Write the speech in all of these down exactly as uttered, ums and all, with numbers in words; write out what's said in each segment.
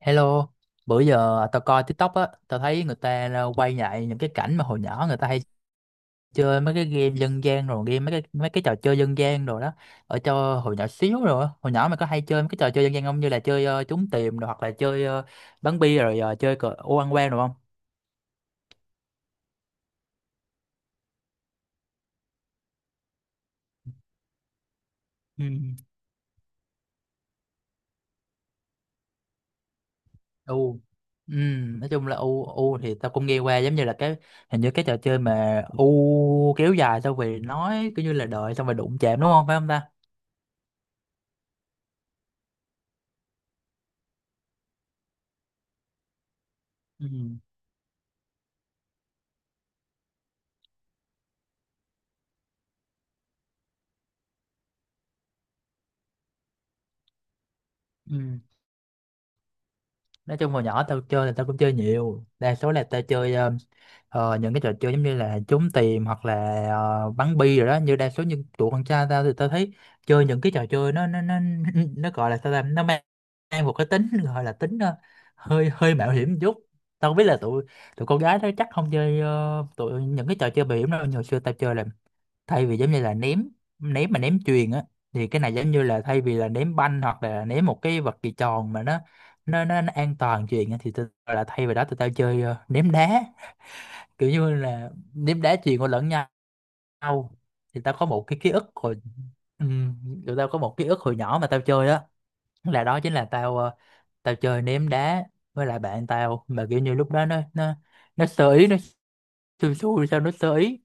Hello, bữa giờ tao coi TikTok á, tao thấy người ta ra quay lại những cái cảnh mà hồi nhỏ người ta hay chơi mấy cái game dân gian rồi game mấy cái mấy cái trò chơi dân gian rồi đó. Ở cho hồi nhỏ xíu rồi, á. Hồi nhỏ mày có hay chơi mấy cái trò chơi dân gian không, như là chơi ờ, trốn tìm rồi, hoặc là chơi ờ, bắn bi rồi ờ, chơi cờ ô ăn quan rồi không? Ừ. U. Ừ, nói chung là u u thì tao cũng nghe qua, giống như là cái hình như cái trò chơi mà u kéo dài xong rồi nói kiểu như là đợi xong rồi đụng chạm, đúng không, phải không ta? Ừ. Ừ. Nói chung hồi nhỏ tao chơi là tao cũng chơi nhiều, đa số là tao chơi ờ, ờ, những cái trò chơi giống như là trốn tìm hoặc là ờ, bắn bi rồi đó, như đa số những tụi con trai. Tao thì tao thấy chơi những cái trò chơi nó nó nó nó gọi là sao ta, nó mang, mang một cái tính gọi là tính ờ, hơi hơi mạo hiểm một chút. Tao không biết là tụi tụi con gái đó chắc không chơi ờ, tụi những cái trò chơi mạo hiểm đâu. Hồi xưa tao chơi là thay vì giống như là ném ném mà ném chuyền á, thì cái này giống như là thay vì là ném banh hoặc là ném một cái vật gì tròn mà nó nó nó, nó an toàn chuyền á, thì tôi là thay vì đó tụi tao chơi ờ, ném đá, kiểu như là ném đá chuyền qua lẫn nhau. Thì tao có một cái ký ức hồi ừ, tụi tao có một ký ức hồi nhỏ mà tao chơi á, là đó chính là tao ờ, tao chơi ném đá với lại bạn tao, mà kiểu như lúc đó nó nó nó sơ ý, nó xui xui sao nó sơ ý,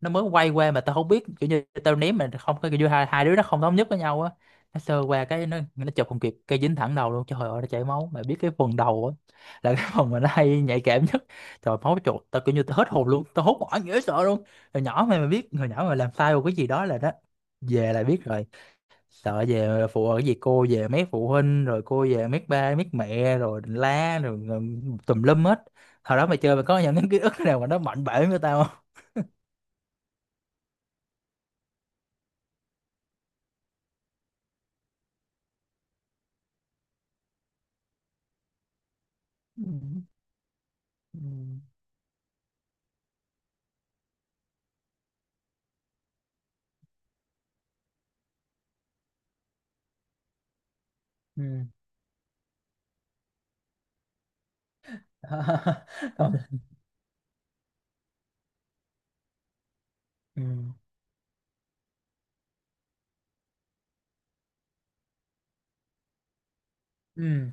nó mới quay qua mà tao không biết, kiểu như tao ném mà không có kiểu như hai, hai đứa nó không thống nhất với nhau á, nó sơ qua cái nó nó chụp không kịp, cây dính thẳng đầu luôn. Trời ơi, nó chảy máu, mày biết cái phần đầu á là cái phần mà nó hay nhạy cảm nhất. Trời máu chuột, tao kiểu như tao hết hồn luôn, tao hốt hoảng dễ sợ luôn. Hồi nhỏ mày mà biết, hồi nhỏ mà làm sai một cái gì đó là đó, về là biết rồi, sợ về phụ ở gì cô, về mấy phụ huynh rồi cô, về mấy ba mấy mẹ rồi đỉnh la rồi, rồi tùm lum hết. Hồi đó mày chơi mày có những cái ký ức nào mà nó mạnh bể với tao không? Ừ. Ừ. Ừ. Công- ừ, ừ.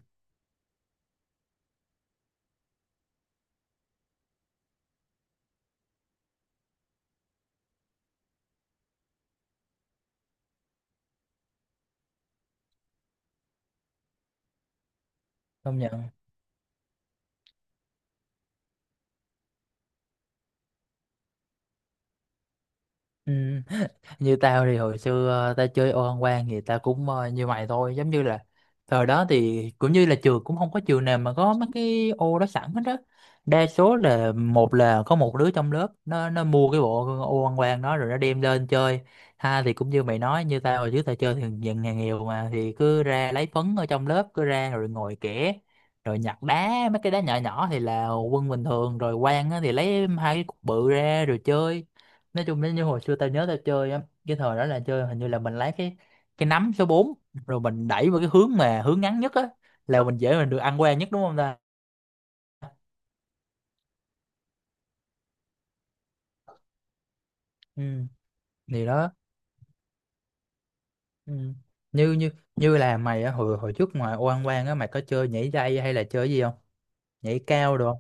Công nhận. Ừ. Như tao thì hồi xưa ờ, tao chơi ô ăn quan thì tao cũng ờ, như mày thôi, giống như là thời đó thì cũng như là trường, cũng không có trường nào mà có mấy cái ô đó sẵn hết đó. Đa số là một là có một đứa trong lớp nó nó mua cái bộ ô ăn quan đó rồi nó đem lên chơi. Ha, thì cũng như mày nói, như tao hồi trước tao chơi thì dần nhà nghèo mà, thì cứ ra lấy phấn ở trong lớp, cứ ra rồi ngồi kẻ, rồi nhặt đá mấy cái đá nhỏ nhỏ thì là quân bình thường, rồi quan á thì lấy hai cái cục bự ra rồi chơi. Nói chung nếu như hồi xưa tao nhớ tao chơi á, cái thời đó là chơi hình như là mình lấy cái cái nắm số bốn, rồi mình đẩy vào cái hướng mà hướng ngắn nhất á, là mình dễ mình được ăn qua nhất, đúng không ta? Ừ. Thì đó. Ừ. như như như là mày á, hồi hồi trước ngoài oan oan á, mày có chơi nhảy dây hay là chơi gì không? Nhảy cao được không?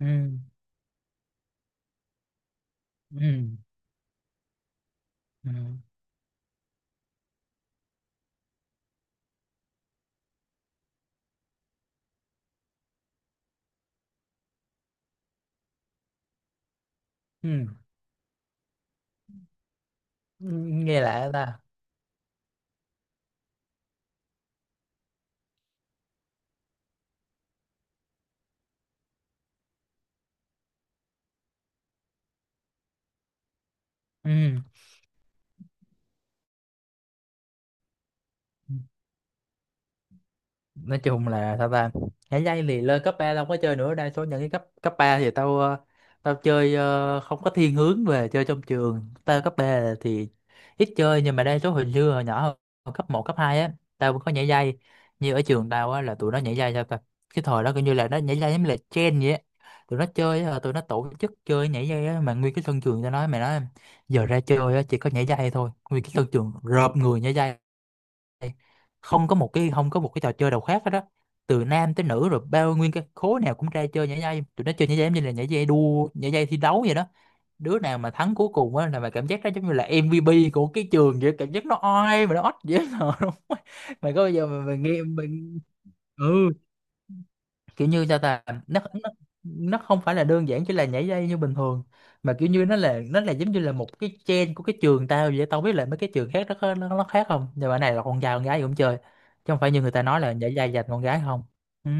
Ừ. Ừ. Ừ. Ừ, ừ. Nghe lạ ta. Ừ. Ừ. Nói chung là sao ta, nhảy dây thì lên cấp ba tao không có chơi nữa, đa số những cái cấp cấp ba thì tao ờ, tao chơi ờ, không có thiên hướng về chơi trong trường, tao cấp ba thì ít chơi. Nhưng mà đa số hồi xưa hồi nhỏ, hồi cấp một cấp hai á, tao cũng có nhảy dây. Như ở trường tao á là tụi nó nhảy dây sao ta, cái thời đó coi như là nó nhảy dây giống như là trend vậy á. Tụi nó chơi á, tụi nó tổ chức chơi nhảy dây á, mà nguyên cái sân trường, tao nói mày nói, giờ ra chơi á chỉ có nhảy dây thôi, nguyên cái sân trường rợp người nhảy dây. Không có một cái không có một cái trò chơi nào khác hết đó, từ nam tới nữ rồi bao nguyên cái khối nào cũng ra chơi nhảy dây. Tụi nó chơi nhảy dây giống như là nhảy dây đua, nhảy dây thi đấu vậy đó. Đứa nào mà thắng cuối cùng á, là mà cảm giác đó giống như là em vê pê của cái trường vậy, cảm giác nó oai mà nó ót dễ sợ luôn. Mày có bao giờ mà mày nghe mình, ừ, kiểu như sao ta, nó, nó nó không phải là đơn giản chỉ là nhảy dây như bình thường, mà kiểu như nó là nó là giống như là một cái trend của cái trường tao vậy. Tao không biết là mấy cái trường khác nó có- nó, nó khác không, nhưng mà cái này là con trai con gái gì cũng chơi, chứ không phải như người ta nói là nhảy dây dành con gái không. Ừ.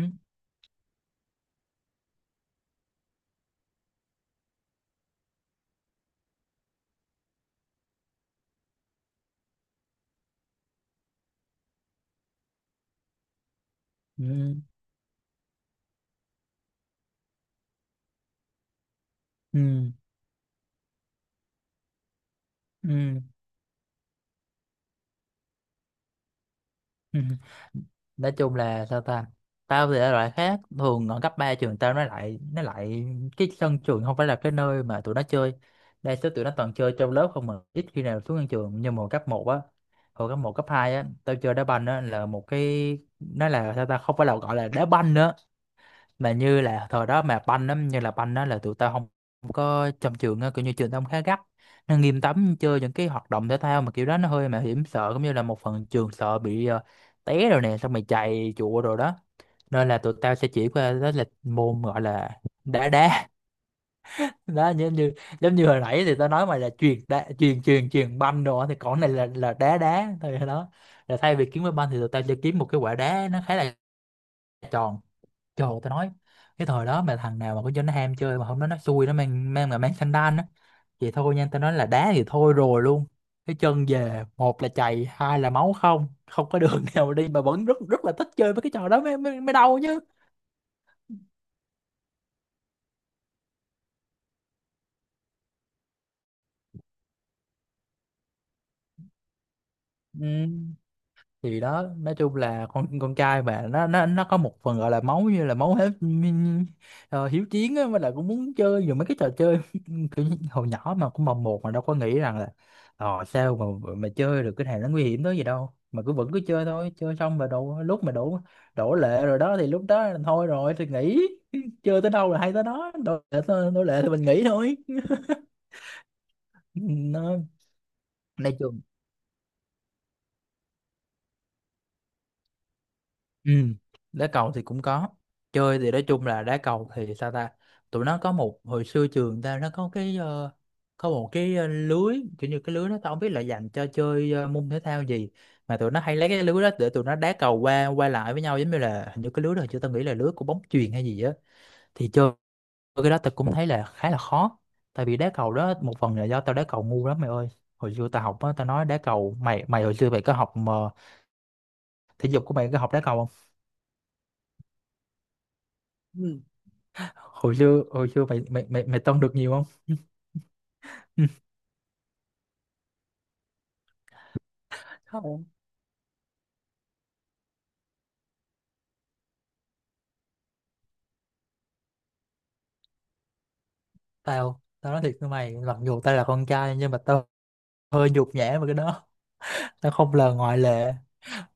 Ừ. Ừ. Ừ. Ừ. Ừ. Nói chung là sao ta, tao thì ở loại khác thường, ở cấp ba trường tao nó lại nó lại cái sân trường không phải là cái nơi mà tụi nó chơi, đa số tụi nó toàn chơi trong lớp không, mà ít khi nào xuống sân trường. Nhưng mà hồi cấp một á, hồi cấp một cấp hai á, tao chơi đá banh á là một cái nó là sao ta, không phải là gọi là đá banh nữa, mà như là thời đó mà banh lắm, như là banh đó là tụi tao không, không có trong trường á, kiểu như trường tao cũng khá gắt, nó nghiêm cấm chơi những cái hoạt động thể thao mà kiểu đó nó hơi mạo hiểm, sợ cũng như là một phần trường sợ bị ờ, té rồi nè, xong mày chạy chùa rồi đó. Nên là tụi tao sẽ chỉ qua đó là môn gọi là đá đá. Đó giống như, giống như hồi nãy thì tao nói mày là chuyền đá, chuyền chuyền chuyền banh đồ á, thì còn này là là đá đá thôi đó, là thay vì kiếm cái banh thì tụi tao sẽ kiếm một cái quả đá, nó khá là tròn. Trời tao nói, cái thời đó mà thằng nào mà có cho nó ham chơi mà không nói, nó xui nó mang mang mà mang sandal á, thì thôi nha, tao nói là đá thì thôi rồi luôn, cái chân về một là chày hai là máu, không không có đường nào đi, mà vẫn rất rất là thích chơi với cái trò đó mới mới, mới đau chứ. Ừ. Thì đó, nói chung là con con trai mà nó nó nó có một phần gọi là máu, như là máu hết ờ, hiếu chiến á, với lại cũng muốn chơi dù mấy cái trò chơi kiểu như hồi nhỏ mà cũng mồng một mà đâu có nghĩ rằng là ờ sao mà mà chơi được cái này nó nguy hiểm tới gì đâu mà cứ vẫn cứ chơi thôi. Chơi xong mà đổ, lúc mà đổ đổ lệ rồi đó thì lúc đó là thôi rồi, thì nghỉ. Chơi tới đâu là hay tới đó, đổ lệ. Đổ lệ thì mình nghỉ thôi. Nó nói chung. Ừ, đá cầu thì cũng có chơi. Thì nói chung là đá cầu thì sao ta, tụi nó có một hồi xưa trường ta nó có cái ờ, có một cái ờ, lưới, kiểu như cái lưới nó, tao không biết là dành cho chơi ờ, môn thể thao gì mà tụi nó hay lấy cái lưới đó để tụi nó đá cầu qua qua lại với nhau, giống như là hình như cái lưới đó chứ tao nghĩ là lưới của bóng chuyền hay gì á. Thì chơi cái đó tao cũng thấy là khá là khó, tại vì đá cầu đó một phần là do tao đá cầu ngu lắm mày ơi. Hồi xưa tao học á, tao nói đá cầu, mày mày hồi xưa mày có học mà, thể dục của mày có học đá cầu không? Hồi xưa, hồi xưa mày mày mày mày tông được nhiều không? Ừ. Không, tao tao nói thiệt với mày, mặc dù tao là con trai nhưng mà tao hơi nhục nhã với cái đó. Tao không là ngoại lệ.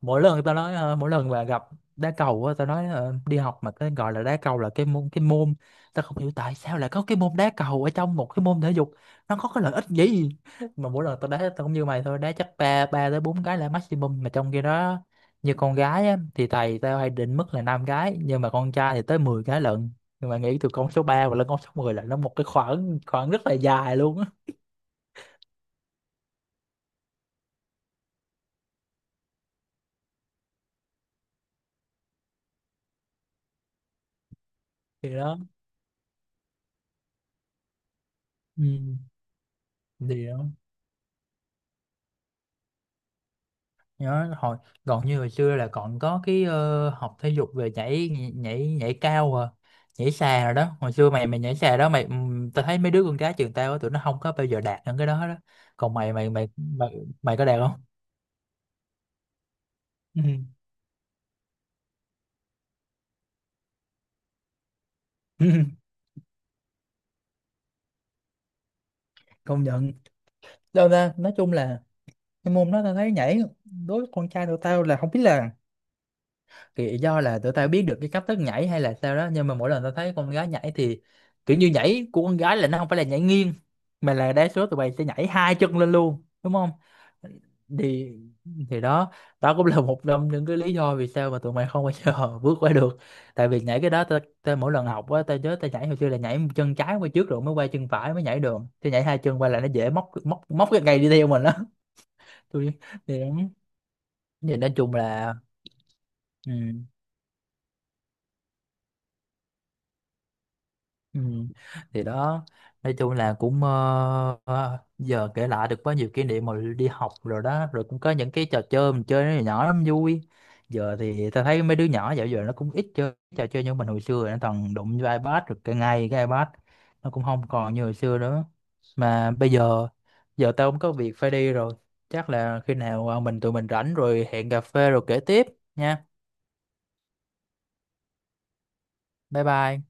Mỗi lần tao nói ờ, mỗi lần mà gặp đá cầu á, tao nói ờ, đi học mà cái gọi là đá cầu là cái môn cái môn, tao không hiểu tại sao lại có cái môn đá cầu ở trong một cái môn thể dục, nó có cái lợi ích gì. Mà mỗi lần tao đá tao cũng như mày thôi, đá chắc ba ba tới bốn cái là maximum, mà trong khi đó như con gái á, thì thầy tao hay định mức là năm cái nhưng mà con trai thì tới mười cái lận. Nhưng mà nghĩ từ con số ba và lên con số mười là nó một cái khoảng khoảng rất là dài luôn á. Thì đó. Ừ. Thì đó, nhớ hồi còn, như hồi xưa là còn có cái ờ, học thể dục về nhảy nhảy nhảy cao à, nhảy xà rồi đó. Hồi xưa mày mày nhảy xà đó mày, ừm, tao thấy mấy đứa con gái trường tao á, tụi nó không có bao giờ đạt được cái đó đó. Còn mày mày mày mày, mày có đạt không? Ừ. Công nhận. Đâu ra, nói chung là cái môn đó tao thấy nhảy đối với con trai tụi tao là không biết là, thì do là tụi tao biết được cái cách thức nhảy hay là sao đó, nhưng mà mỗi lần tao thấy con gái nhảy thì kiểu như nhảy của con gái là nó không phải là nhảy nghiêng, mà là đa số tụi bay sẽ nhảy hai chân lên luôn đúng không? Thì, thì đó, đó cũng là một trong những cái lý do vì sao mà tụi mày không bao giờ bước qua được. Tại vì nhảy cái đó tao, tao mỗi lần học á, tao nhớ tao nhảy hồi xưa là nhảy chân trái qua trước rồi mới qua chân phải mới nhảy được, thì nhảy hai chân qua là nó dễ móc móc móc cái cây đi theo mình đó. Tôi thì, thì nói chung là, ừ. Ừ. Thì đó, nói chung là cũng ờ, ờ, giờ kể lại được quá nhiều kỷ niệm mà đi học rồi đó, rồi cũng có những cái trò chơi mình chơi nó nhỏ lắm vui. Giờ thì ta thấy mấy đứa nhỏ dạo giờ nó cũng ít chơi trò chơi như mình hồi xưa rồi, nó toàn đụng vô iPad, rồi cái ngay cái iPad nó cũng không còn như hồi xưa nữa. Mà bây giờ, giờ tao cũng có việc phải đi rồi, chắc là khi nào ờ, mình tụi mình rảnh rồi hẹn cà phê rồi kể tiếp nha. Bye bye.